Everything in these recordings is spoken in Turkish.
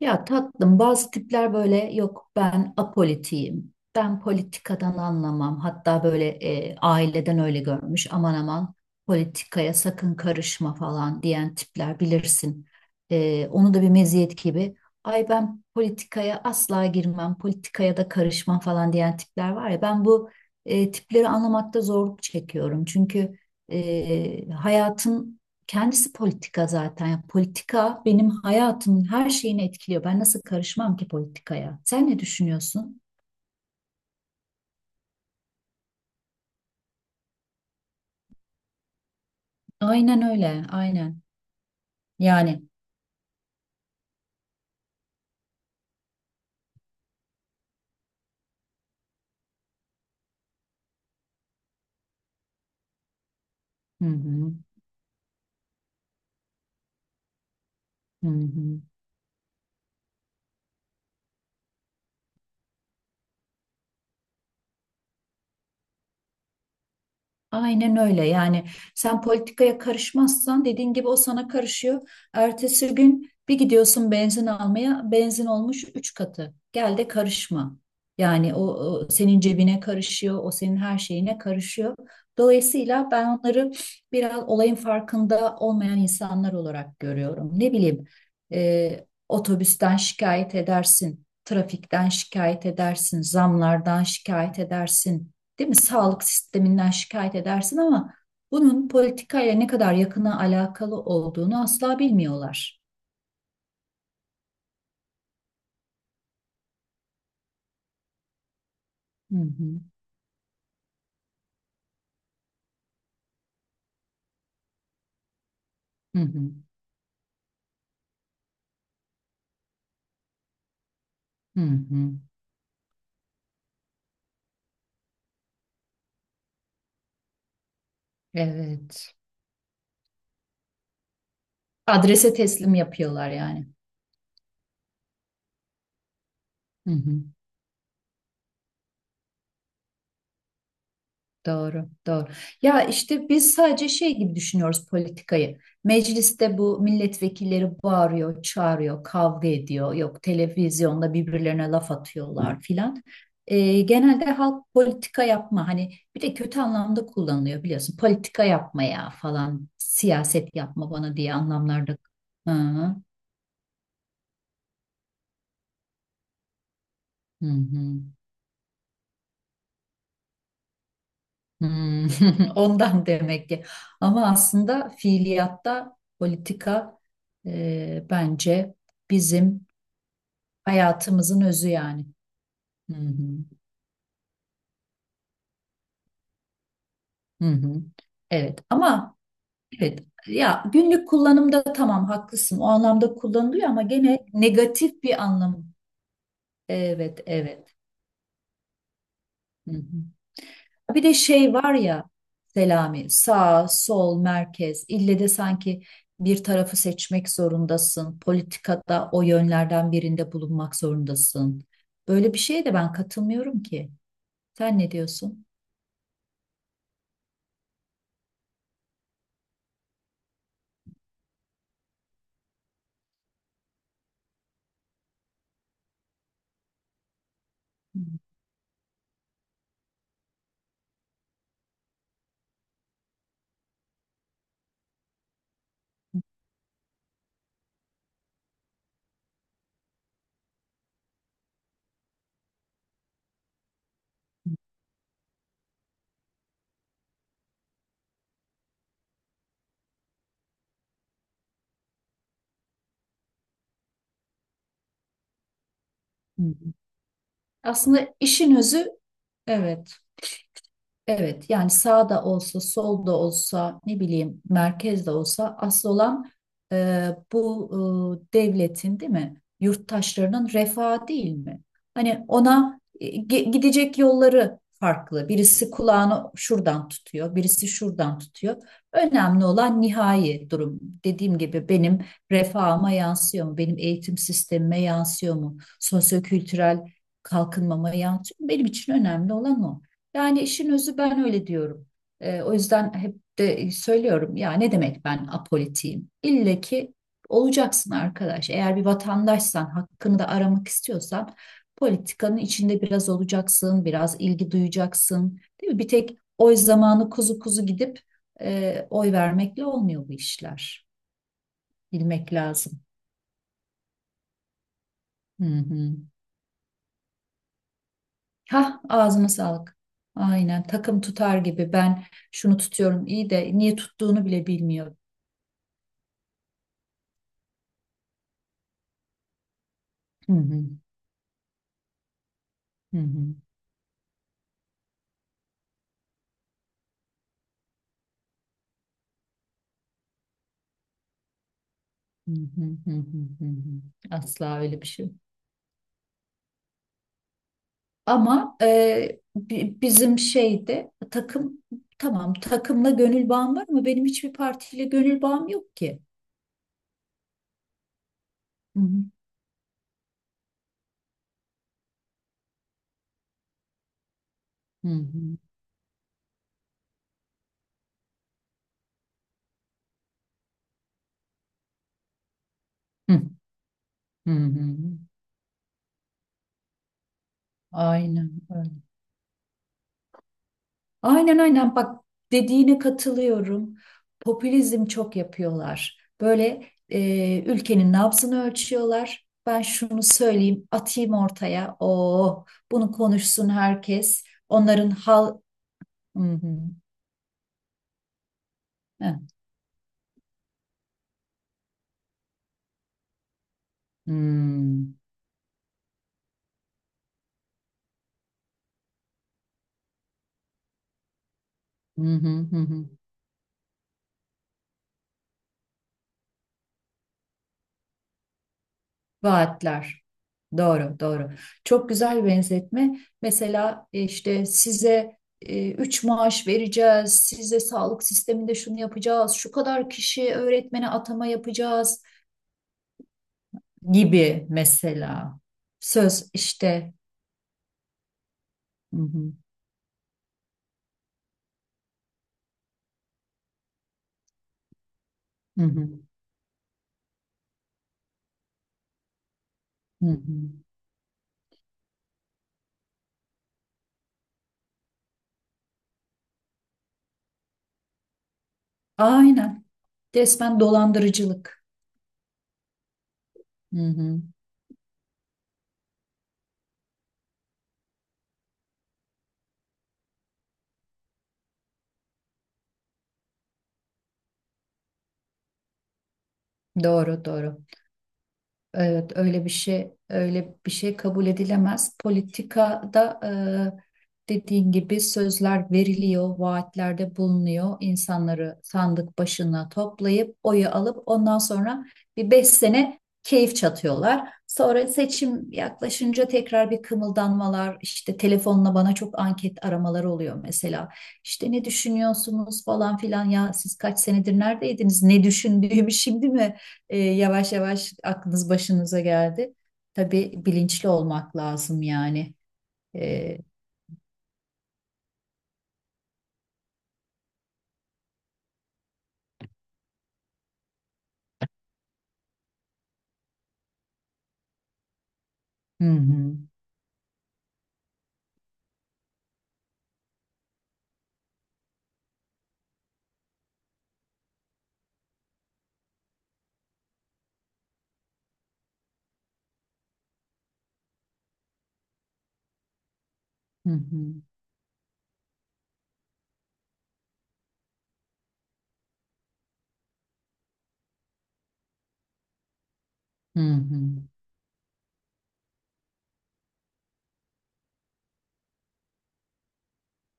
Ya tatlım bazı tipler böyle yok ben apolitiyim. Ben politikadan anlamam. Hatta böyle aileden öyle görmüş. Aman aman politikaya sakın karışma falan diyen tipler bilirsin. Onu da bir meziyet gibi. Ay ben politikaya asla girmem. Politikaya da karışmam falan diyen tipler var ya. Ben bu tipleri anlamakta zorluk çekiyorum. Çünkü hayatın kendisi politika zaten. Yani politika benim hayatımın her şeyini etkiliyor. Ben nasıl karışmam ki politikaya? Sen ne düşünüyorsun? Aynen öyle, aynen. Yani. Hı hı, hı hı. Aynen öyle yani sen politikaya karışmazsan dediğin gibi o sana karışıyor. Ertesi gün bir gidiyorsun benzin almaya benzin olmuş 3 katı. Gel de karışma. Yani o senin cebine karışıyor, o senin her şeyine karışıyor. Dolayısıyla ben onları biraz olayın farkında olmayan insanlar olarak görüyorum. Ne bileyim, otobüsten şikayet edersin, trafikten şikayet edersin, zamlardan şikayet edersin, değil mi? Sağlık sisteminden şikayet edersin ama bunun politikayla ne kadar yakına alakalı olduğunu asla bilmiyorlar. Hı hı. Hı hı. Hı hı. Evet. Adrese teslim yapıyorlar yani. Hı hı. Doğru, doğru. Ya işte biz sadece şey gibi düşünüyoruz politikayı. Mecliste bu milletvekilleri bağırıyor, çağırıyor, kavga ediyor. Yok televizyonda birbirlerine laf atıyorlar filan. Genelde halk politika yapma hani bir de kötü anlamda kullanılıyor biliyorsun. Politika yapmaya falan, siyaset yapma bana diye anlamlarda. Hı hı. Hı hı. Hmm, ondan demek ki. Ama aslında fiiliyatta politika bence bizim hayatımızın özü yani. Hı hı, hı hı. Evet ama evet ya günlük kullanımda tamam haklısın o anlamda kullanılıyor ama gene negatif bir anlam. Evet, evet. Hı hı. Bir de şey var ya Selami, sağ, sol, merkez. İlle de sanki bir tarafı seçmek zorundasın. Politikada o yönlerden birinde bulunmak zorundasın. Böyle bir şeye de ben katılmıyorum ki. Sen ne diyorsun? Hı, hı, aslında işin özü evet. Evet yani sağda olsa solda olsa ne bileyim merkezde olsa asıl olan, e, bu, devletin değil mi yurttaşlarının refahı değil mi? Hani ona gidecek yolları farklı. Birisi kulağını şuradan tutuyor, birisi şuradan tutuyor. Önemli olan nihai durum. Dediğim gibi benim refahıma yansıyor mu? Benim eğitim sistemime yansıyor mu? Sosyokültürel kalkınmama yansıyor mu? Benim için önemli olan o. Yani işin özü ben öyle diyorum. O yüzden hep de söylüyorum ya ne demek ben apolitiyim? İlle ki olacaksın arkadaş. Eğer bir vatandaşsan, hakkını da aramak istiyorsan politikanın içinde biraz olacaksın, biraz ilgi duyacaksın. Değil mi? Bir tek oy zamanı kuzu kuzu gidip oy vermekle olmuyor bu işler. Bilmek lazım. Hı hı. Hah ağzına sağlık. Aynen takım tutar gibi ben şunu tutuyorum iyi de niye tuttuğunu bile bilmiyor. Hı hı, hı hı, hı hı, hı hı, hı hı. Asla öyle bir şey yok. Ama bizim şeyde takım tamam, takımla gönül bağım var ama benim hiçbir partiyle gönül bağım yok ki. Hı hı, hı hı, hı hı, hı hı. Aynen öyle. Aynen aynen, bak dediğine katılıyorum. Popülizm çok yapıyorlar. Böyle ülkenin nabzını ölçüyorlar. Ben şunu söyleyeyim, atayım ortaya. Oh, bunu konuşsun herkes. Onların hal... Hı hı, heh, hı, hı hı, hı hı. Vaatler. Doğru, doğru. Çok güzel benzetme. Mesela işte size 3 maaş vereceğiz, size sağlık sisteminde şunu yapacağız, şu kadar kişi öğretmene atama yapacağız gibi mesela. Söz işte. Hı hı, hı hı, hı hı. Aynen. Resmen dolandırıcılık. Hı hı. Doğru, doğru. Evet, öyle bir şey, öyle bir şey kabul edilemez. Politikada dediğin gibi sözler veriliyor, vaatlerde bulunuyor. İnsanları sandık başına toplayıp oyu alıp ondan sonra bir 5 sene keyif çatıyorlar. Sonra seçim yaklaşınca tekrar bir kımıldanmalar, işte telefonla bana çok anket aramaları oluyor mesela. İşte ne düşünüyorsunuz falan filan ya siz kaç senedir neredeydiniz? Ne düşündüğümü şimdi mi? Yavaş yavaş aklınız başınıza geldi. Tabii bilinçli olmak lazım yani. E, hı hı, hı hı, hı hı,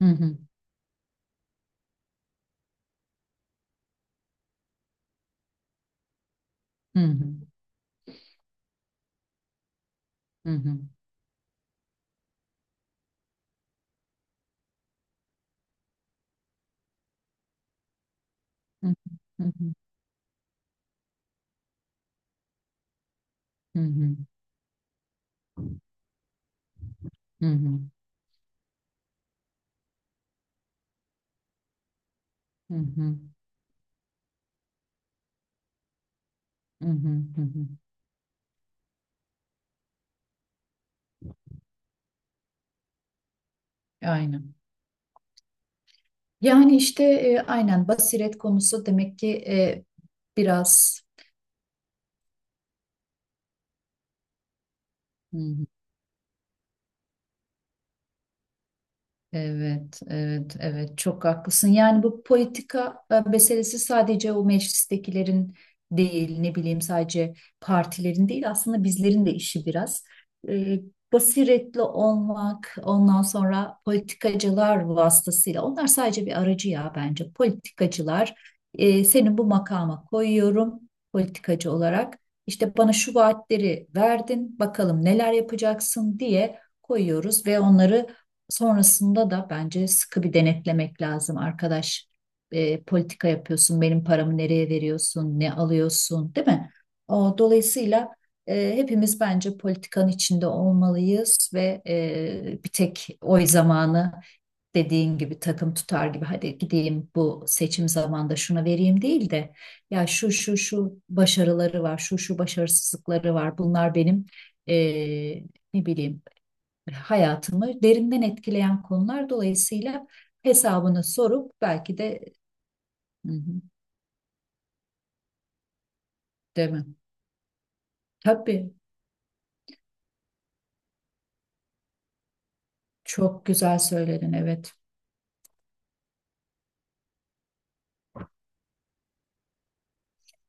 hı hı, hı hı, hı hı, hı hı, hı hı, hı hı, hı hı, hı hı, hı hı, hı hı. Aynen. Yani işte aynen basiret konusu demek ki biraz evet, evet, evet çok haklısın. Yani bu politika meselesi sadece o meclistekilerin değil, ne bileyim sadece partilerin değil aslında bizlerin de işi biraz. E, basiretli olmak, ondan sonra politikacılar vasıtasıyla, onlar sadece bir aracı ya bence. Politikacılar, seni bu makama koyuyorum politikacı olarak. İşte bana şu vaatleri verdin, bakalım neler yapacaksın diye koyuyoruz ve onları sonrasında da bence sıkı bir denetlemek lazım. Arkadaş politika yapıyorsun, benim paramı nereye veriyorsun, ne alıyorsun, değil mi? O, dolayısıyla hepimiz bence politikanın içinde olmalıyız ve bir tek oy zamanı dediğin gibi takım tutar gibi hadi gideyim bu seçim zamanında şuna vereyim değil de ya şu şu şu başarıları var, şu şu başarısızlıkları var. Bunlar benim, e, ne bileyim, hayatımı derinden etkileyen konular dolayısıyla hesabını sorup belki de hı hı, demem. Tabii çok güzel söyledin, evet.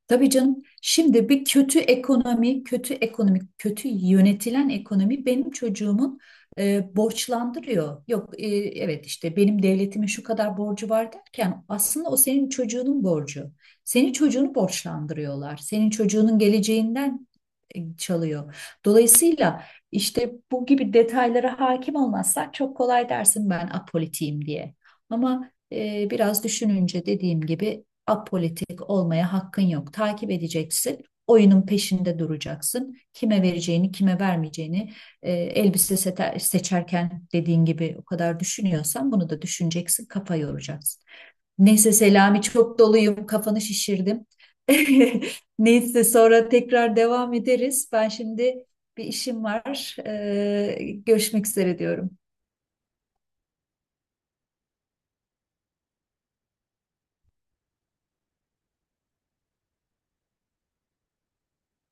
Tabii canım. Şimdi bir kötü ekonomi, kötü ekonomik, kötü yönetilen ekonomi benim çocuğumun borçlandırıyor. Yok, evet işte benim devletimin şu kadar borcu var derken aslında o senin çocuğunun borcu. Senin çocuğunu borçlandırıyorlar. Senin çocuğunun geleceğinden çalıyor. Dolayısıyla işte bu gibi detaylara hakim olmazsan çok kolay dersin ben apolitiyim diye. Ama biraz düşününce dediğim gibi apolitik olmaya hakkın yok. Takip edeceksin. Oyunun peşinde duracaksın. Kime vereceğini, kime vermeyeceğini elbise seçerken dediğin gibi o kadar düşünüyorsan bunu da düşüneceksin, kafa yoracaksın. Neyse Selami çok doluyum, kafanı şişirdim. Neyse sonra tekrar devam ederiz. Ben şimdi bir işim var. Görüşmek üzere diyorum.